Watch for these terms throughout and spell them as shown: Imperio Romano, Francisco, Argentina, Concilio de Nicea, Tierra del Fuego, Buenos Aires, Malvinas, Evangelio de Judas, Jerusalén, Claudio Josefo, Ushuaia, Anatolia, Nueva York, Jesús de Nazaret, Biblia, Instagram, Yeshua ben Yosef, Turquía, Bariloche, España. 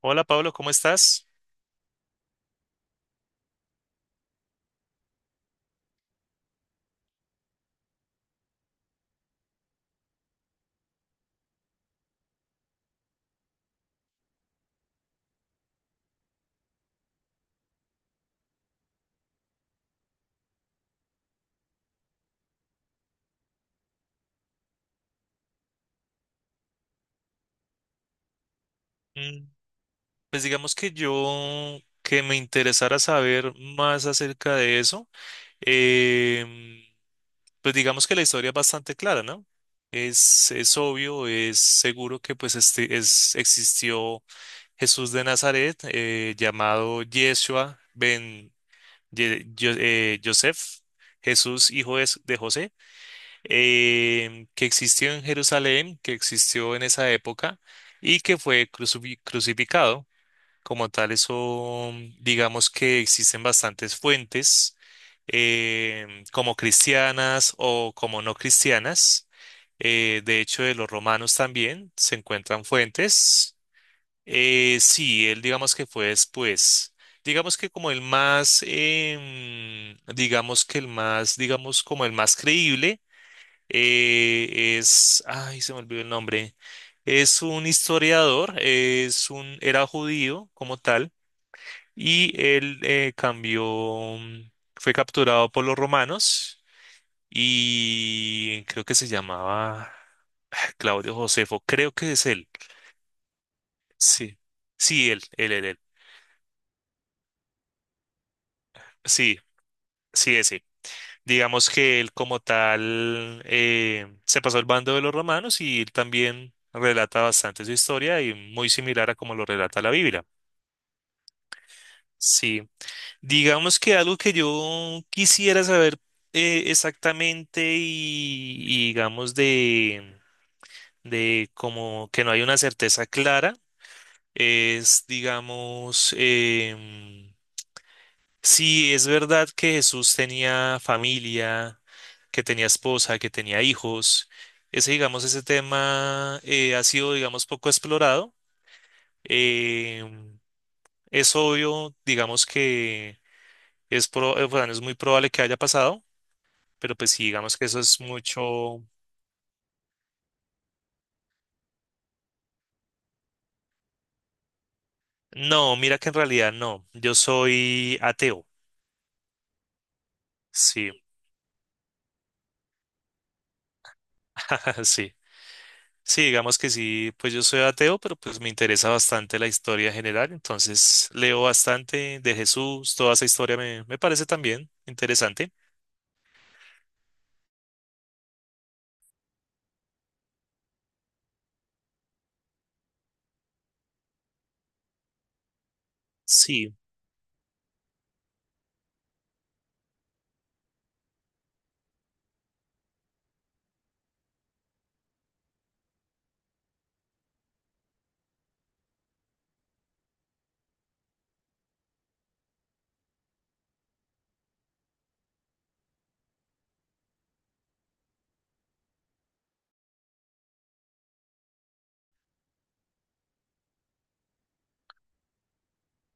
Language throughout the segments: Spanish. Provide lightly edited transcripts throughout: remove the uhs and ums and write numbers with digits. Hola Pablo, ¿cómo estás? Mm. Pues digamos que yo, que me interesara saber más acerca de eso, em, pues digamos que la historia es bastante clara, ¿no? Es obvio, es seguro que pues este, es, existió Jesús de Nazaret, llamado Yeshua ben Yosef, Jesús hijo de José. Que existió en Jerusalén, que existió en esa época y que fue crucificado. Como tal, eso digamos que existen bastantes fuentes, eh, como cristianas o como no cristianas. De hecho, de los romanos también se encuentran fuentes. Sí, él digamos que fue después. Digamos que como el más, digamos que el más, digamos como el más creíble, es, ay, se me olvidó el nombre. Es un historiador, era judío como tal, y él cambió, mm, fue capturado por los romanos y creo que se llamaba ah, Claudio Josefo, creo que es él. Sí, sí, él. Sí, sí, ese. Digamos que él como tal se pasó al bando de los romanos y él también relata bastante su historia y muy similar a como lo relata la Biblia. Sí, digamos que algo que yo quisiera saber exactamente y digamos de como que no hay una certeza clara es, digamos, em, si es verdad que Jesús tenía familia, que tenía esposa, que tenía hijos. Ese, digamos, ese tema ha sido, digamos, poco explorado. Em, es obvio, digamos, que es, bueno, es muy probable que haya pasado, pero pues sí, digamos que eso es mucho. No, mira que en realidad no. Yo soy ateo. Sí, sí. Sí, digamos que sí, pues yo soy ateo, pero pues me interesa bastante la historia general, entonces leo bastante de Jesús, toda esa historia me, me parece también interesante. Sí,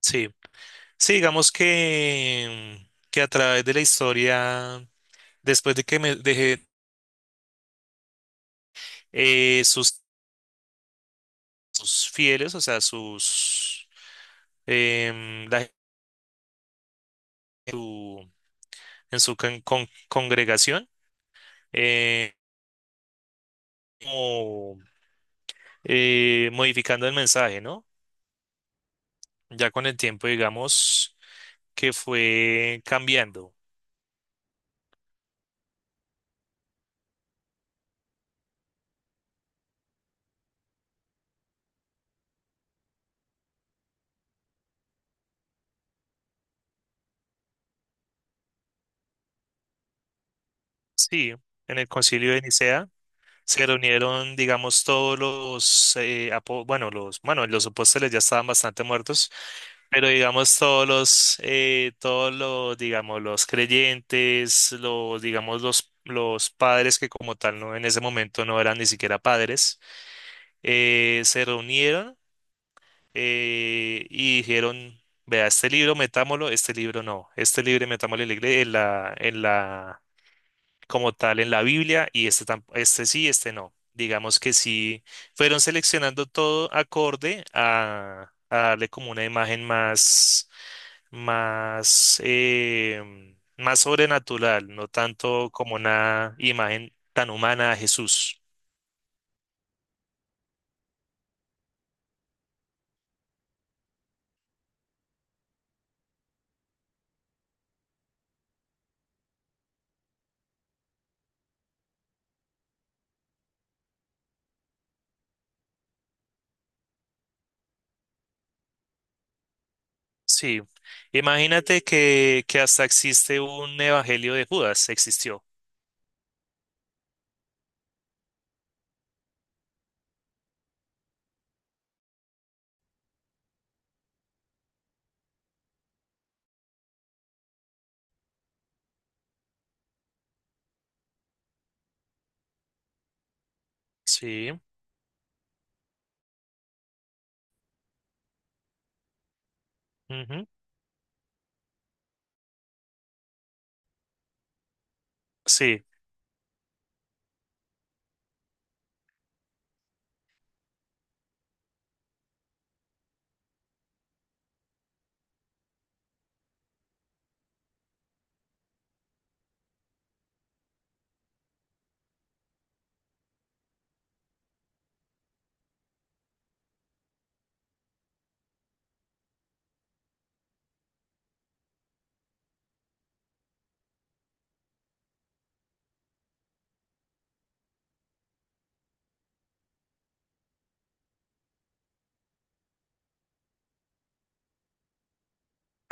sí. Sí, digamos que a través de la historia, después de que me dejé sus, sus fieles, o sea, sus la gente en su, en su congregación, eh, como, modificando el mensaje, ¿no? Ya con el tiempo, digamos, que fue cambiando. Sí, en el concilio de Nicea. Se reunieron, digamos, todos los, bueno, los, bueno, los apóstoles ya estaban bastante muertos, pero digamos todos los, digamos, los creyentes, los, digamos, los padres que como tal no, en ese momento no eran ni siquiera padres, se reunieron y dijeron, vea, este libro metámoslo, este libro no, este libro metámoslo en en la como tal en la Biblia y este, este sí, este no. Digamos que sí, fueron seleccionando todo acorde a darle como una imagen más, más, más sobrenatural, no tanto como una imagen tan humana a Jesús. Sí, imagínate que hasta existe un evangelio de Judas, existió. Sí, ujú, sí.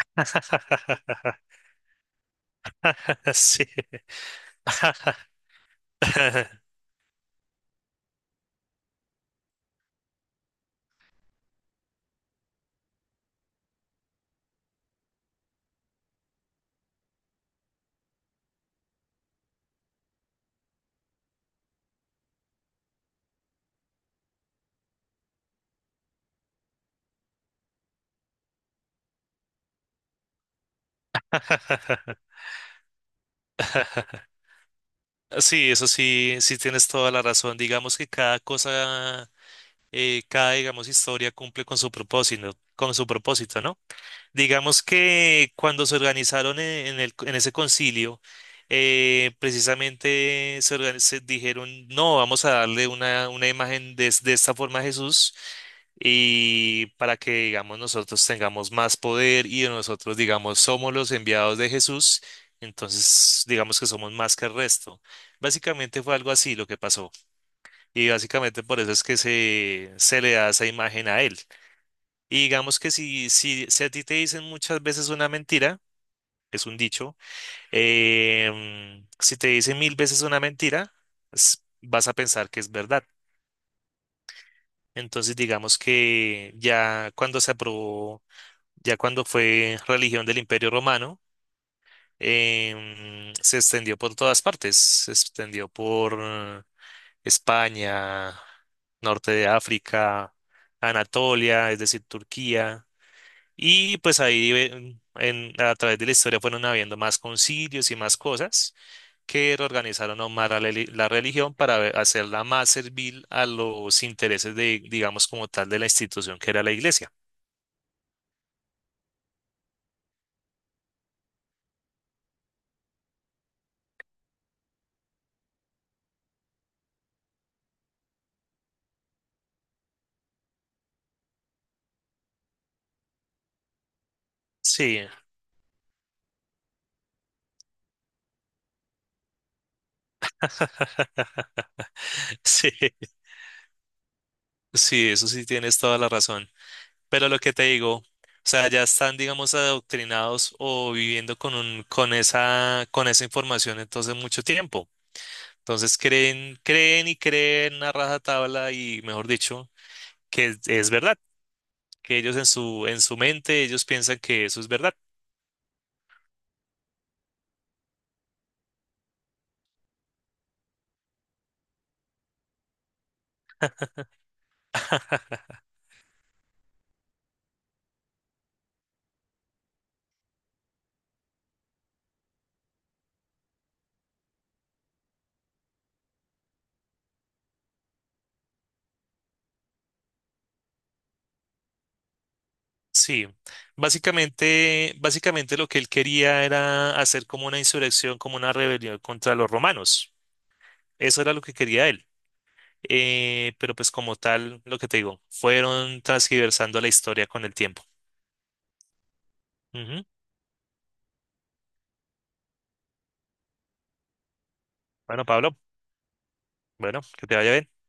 Sí. Sí, eso sí, sí tienes toda la razón. Digamos que cada cosa, cada, digamos, historia cumple con su propósito, ¿no? Digamos que cuando se organizaron en el, en ese concilio, precisamente se, se dijeron, no, vamos a darle una imagen de esta forma a Jesús y para que, digamos, nosotros tengamos más poder y nosotros, digamos, somos los enviados de Jesús, entonces digamos que somos más que el resto. Básicamente fue algo así lo que pasó y básicamente por eso es que se le da esa imagen a él. Y digamos que si, si, si a ti te dicen muchas veces una mentira, es un dicho, em, si te dicen 1000 veces una mentira, vas a pensar que es verdad. Entonces digamos que ya cuando se aprobó, ya cuando fue religión del Imperio Romano, em, se extendió por todas partes, se extendió por España, norte de África, Anatolia, es decir, Turquía, y pues ahí a través de la historia fueron habiendo más concilios y más cosas que reorganizaron aún más la religión para hacerla más servil a los intereses de, digamos, como tal de la institución que era la iglesia. Sí, sí, sí, eso sí tienes toda la razón. Pero lo que te digo, o sea, ya están, digamos, adoctrinados o viviendo con un, con esa información entonces mucho tiempo. Entonces creen, creen y creen a rajatabla y, mejor dicho, que es verdad, que ellos en su mente, ellos piensan que eso es verdad. Sí, básicamente, básicamente lo que él quería era hacer como una insurrección, como una rebelión contra los romanos. Eso era lo que quería él. Pero pues como tal, lo que te digo, fueron transgiversando la historia con el tiempo. Ujú. Bueno, Pablo, bueno, que te vaya bien.